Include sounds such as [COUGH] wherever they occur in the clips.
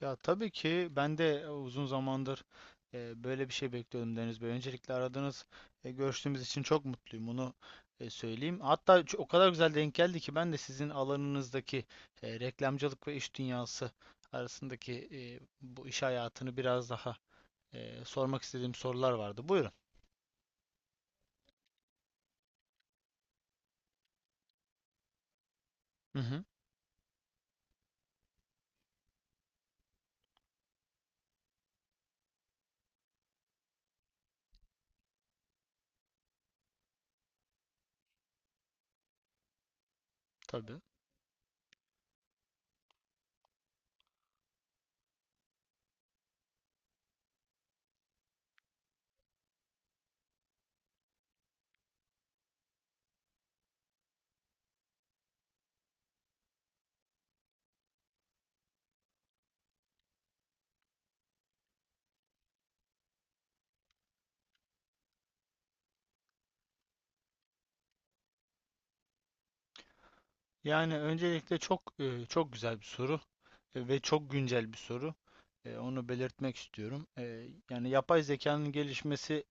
Ya tabii ki ben de uzun zamandır böyle bir şey bekliyordum Deniz Bey. Öncelikle aradığınız, görüştüğümüz için çok mutluyum. Onu söyleyeyim. Hatta o kadar güzel denk geldi ki ben de sizin alanınızdaki reklamcılık ve iş dünyası arasındaki bu iş hayatını biraz daha sormak istediğim sorular vardı. Buyurun. Hı hı, tabii. Yani öncelikle çok güzel bir soru ve çok güncel bir soru. Onu belirtmek istiyorum. Yani yapay zekanın gelişmesi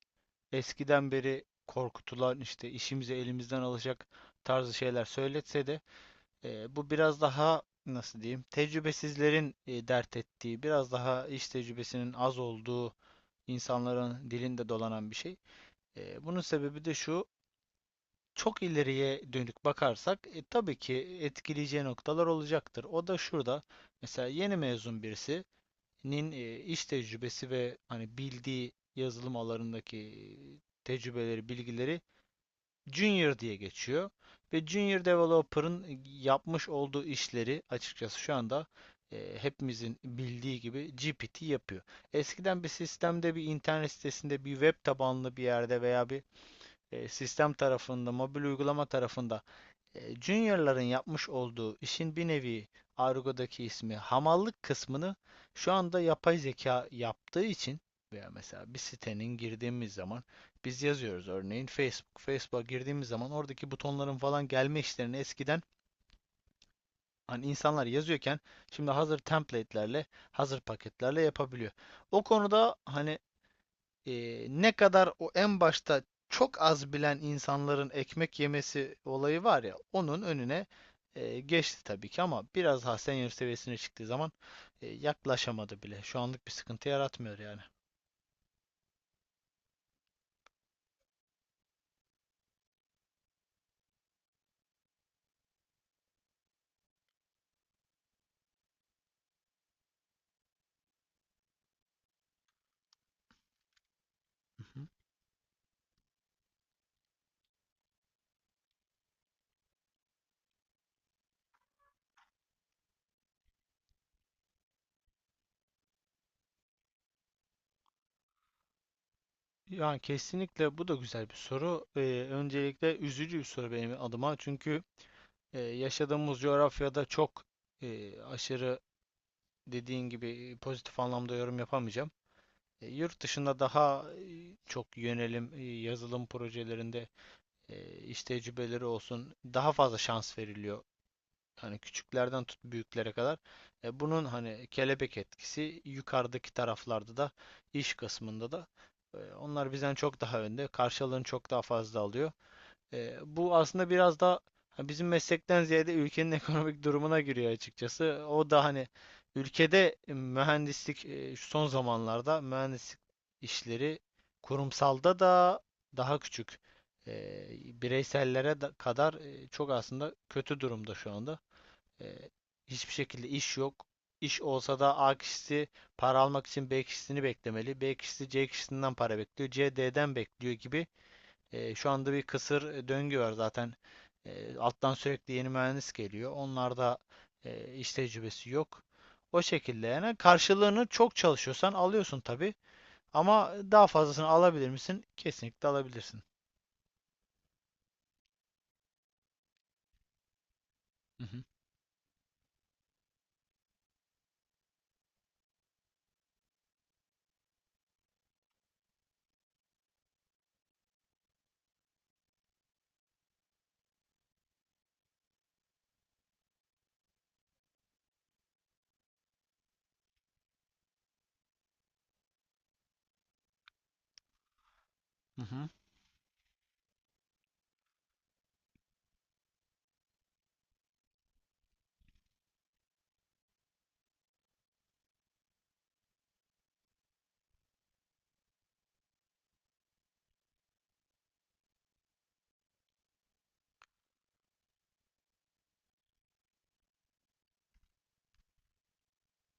eskiden beri korkutulan işte işimizi elimizden alacak tarzı şeyler söyletse de bu biraz daha nasıl diyeyim tecrübesizlerin dert ettiği biraz daha iş tecrübesinin az olduğu insanların dilinde dolanan bir şey. Bunun sebebi de şu, çok ileriye dönük bakarsak tabii ki etkileyeceği noktalar olacaktır. O da şurada, mesela yeni mezun birisinin iş tecrübesi ve hani bildiği yazılım alanındaki tecrübeleri, bilgileri Junior diye geçiyor. Ve Junior Developer'ın yapmış olduğu işleri açıkçası şu anda hepimizin bildiği gibi GPT yapıyor. Eskiden bir sistemde, bir internet sitesinde, bir web tabanlı bir yerde veya bir sistem tarafında, mobil uygulama tarafında Junior'ların yapmış olduğu işin bir nevi argodaki ismi hamallık kısmını şu anda yapay zeka yaptığı için veya mesela bir sitenin girdiğimiz zaman biz yazıyoruz örneğin Facebook. Facebook'a girdiğimiz zaman oradaki butonların falan gelme işlerini eskiden hani insanlar yazıyorken şimdi hazır template'lerle, hazır paketlerle yapabiliyor. O konuda hani ne kadar o en başta çok az bilen insanların ekmek yemesi olayı var ya onun önüne geçti tabii ki ama biraz daha senior seviyesine çıktığı zaman yaklaşamadı bile. Şu anlık bir sıkıntı yaratmıyor yani. Hı hı. Yani kesinlikle bu da güzel bir soru. Öncelikle üzücü bir soru benim adıma çünkü yaşadığımız coğrafyada çok aşırı dediğin gibi pozitif anlamda yorum yapamayacağım. Yurt dışında daha çok yönelim yazılım projelerinde iş tecrübeleri olsun, daha fazla şans veriliyor. Hani küçüklerden tut büyüklere kadar. Bunun hani kelebek etkisi yukarıdaki taraflarda da, iş kısmında da onlar bizden çok daha önde. Karşılığını çok daha fazla alıyor. Bu aslında biraz da bizim meslekten ziyade ülkenin [LAUGHS] ekonomik durumuna giriyor açıkçası. O da hani ülkede mühendislik şu son zamanlarda mühendislik işleri kurumsalda da daha küçük. E, Bireysellere kadar çok aslında kötü durumda şu anda. E, Hiçbir şekilde iş yok. İş olsa da A kişisi para almak için B kişisini beklemeli. B kişisi C kişisinden para bekliyor. C D'den bekliyor gibi şu anda bir kısır döngü var zaten. Alttan sürekli yeni mühendis geliyor. Onlarda iş tecrübesi yok. O şekilde yani karşılığını çok çalışıyorsan alıyorsun tabii. Ama daha fazlasını alabilir misin? Kesinlikle alabilirsin. Hı hı. Hı hı.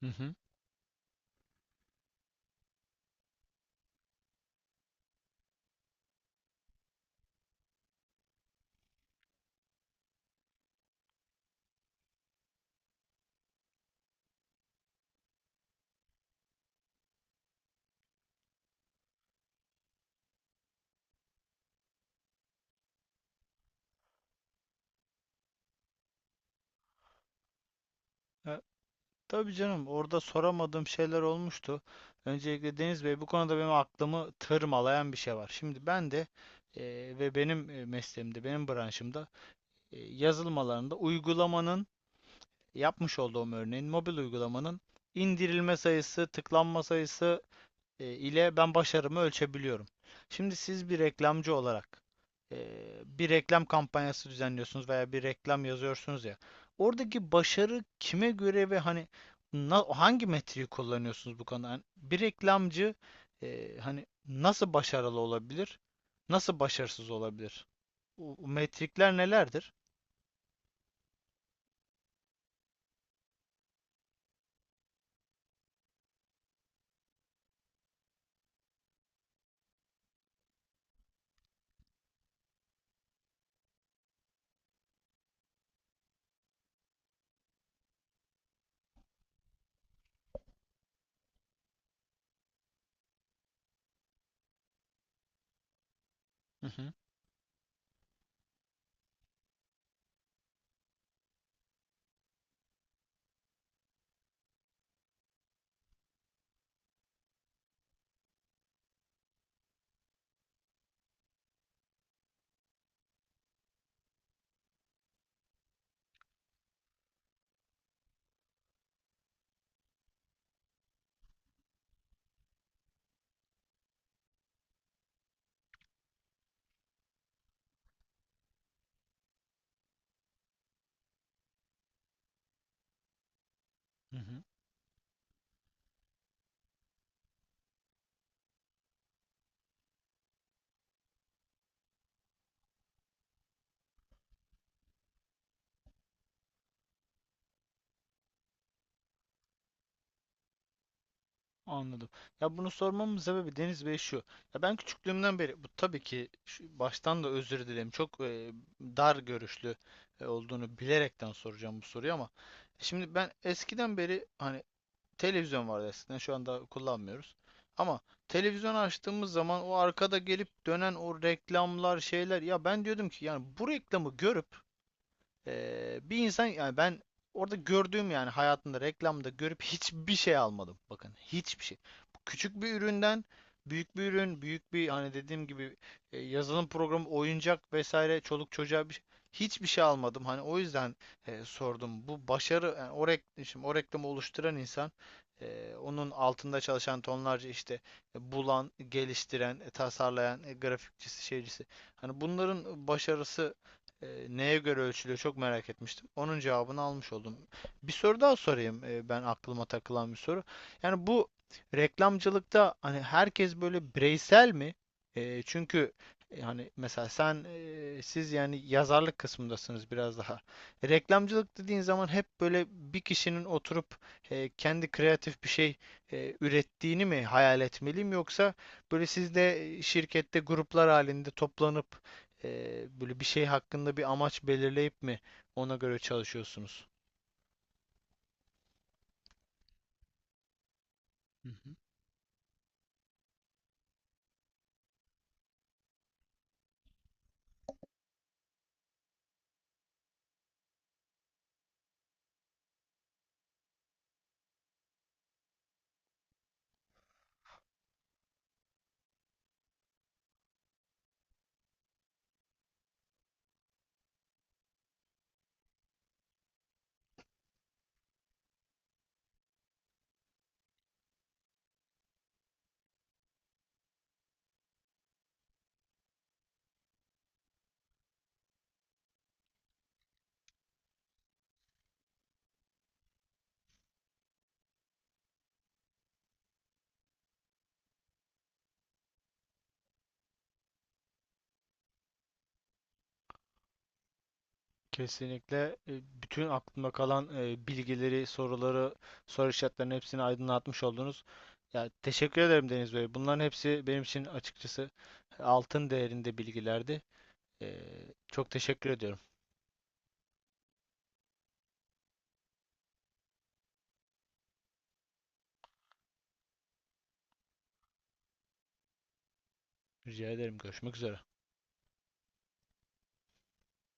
Hı hı. E, tabii canım, orada soramadığım şeyler olmuştu. Öncelikle Deniz Bey, bu konuda benim aklımı tırmalayan bir şey var. Şimdi ben de e, ve benim mesleğimde, benim branşımda yazılım alanında uygulamanın yapmış olduğum örneğin mobil uygulamanın indirilme sayısı, tıklanma sayısı ile ben başarımı ölçebiliyorum. Şimdi siz bir reklamcı olarak e, bir reklam kampanyası düzenliyorsunuz veya bir reklam yazıyorsunuz ya. Oradaki başarı kime göre ve hani hangi metriği kullanıyorsunuz bu konuda? Hani bir reklamcı hani nasıl başarılı olabilir? Nasıl başarısız olabilir? O metrikler nelerdir? Hı, hı hı. Anladım. Ya bunu sormamın sebebi Deniz Bey şu. Ya ben küçüklüğümden beri bu tabii ki baştan da özür dilerim. Çok dar görüşlü olduğunu bilerekten soracağım bu soruyu ama şimdi ben eskiden beri hani televizyon vardı eskiden, şu anda kullanmıyoruz. Ama televizyon açtığımız zaman o arkada gelip dönen o reklamlar şeyler ya, ben diyordum ki yani bu reklamı görüp bir insan yani ben orada gördüğüm yani hayatımda reklamda görüp hiçbir şey almadım. Bakın, hiçbir şey. Küçük bir üründen büyük bir ürün, büyük bir hani dediğim gibi yazılım programı, oyuncak vesaire çoluk çocuğa hiçbir şey almadım. Hani o yüzden sordum. Bu başarı yani şimdi o reklamı oluşturan insan onun altında çalışan tonlarca işte bulan, geliştiren, tasarlayan, grafikçisi, şeycisi. Hani bunların başarısı neye göre ölçülüyor çok merak etmiştim. Onun cevabını almış oldum. Bir soru daha sorayım, ben aklıma takılan bir soru. Yani bu reklamcılıkta hani herkes böyle bireysel mi? Çünkü yani mesela siz yani yazarlık kısmındasınız biraz daha. Reklamcılık dediğin zaman hep böyle bir kişinin oturup kendi kreatif bir şey ürettiğini mi hayal etmeliyim, yoksa böyle siz de şirkette gruplar halinde toplanıp böyle bir şey hakkında bir amaç belirleyip mi ona göre çalışıyorsunuz? Hı hı. Kesinlikle bütün aklımda kalan bilgileri, soruları, soru işaretlerinin hepsini aydınlatmış oldunuz. Ya teşekkür ederim Deniz Bey. Bunların hepsi benim için açıkçası altın değerinde bilgilerdi. Ee, çok teşekkür ediyorum. Rica ederim. Görüşmek üzere.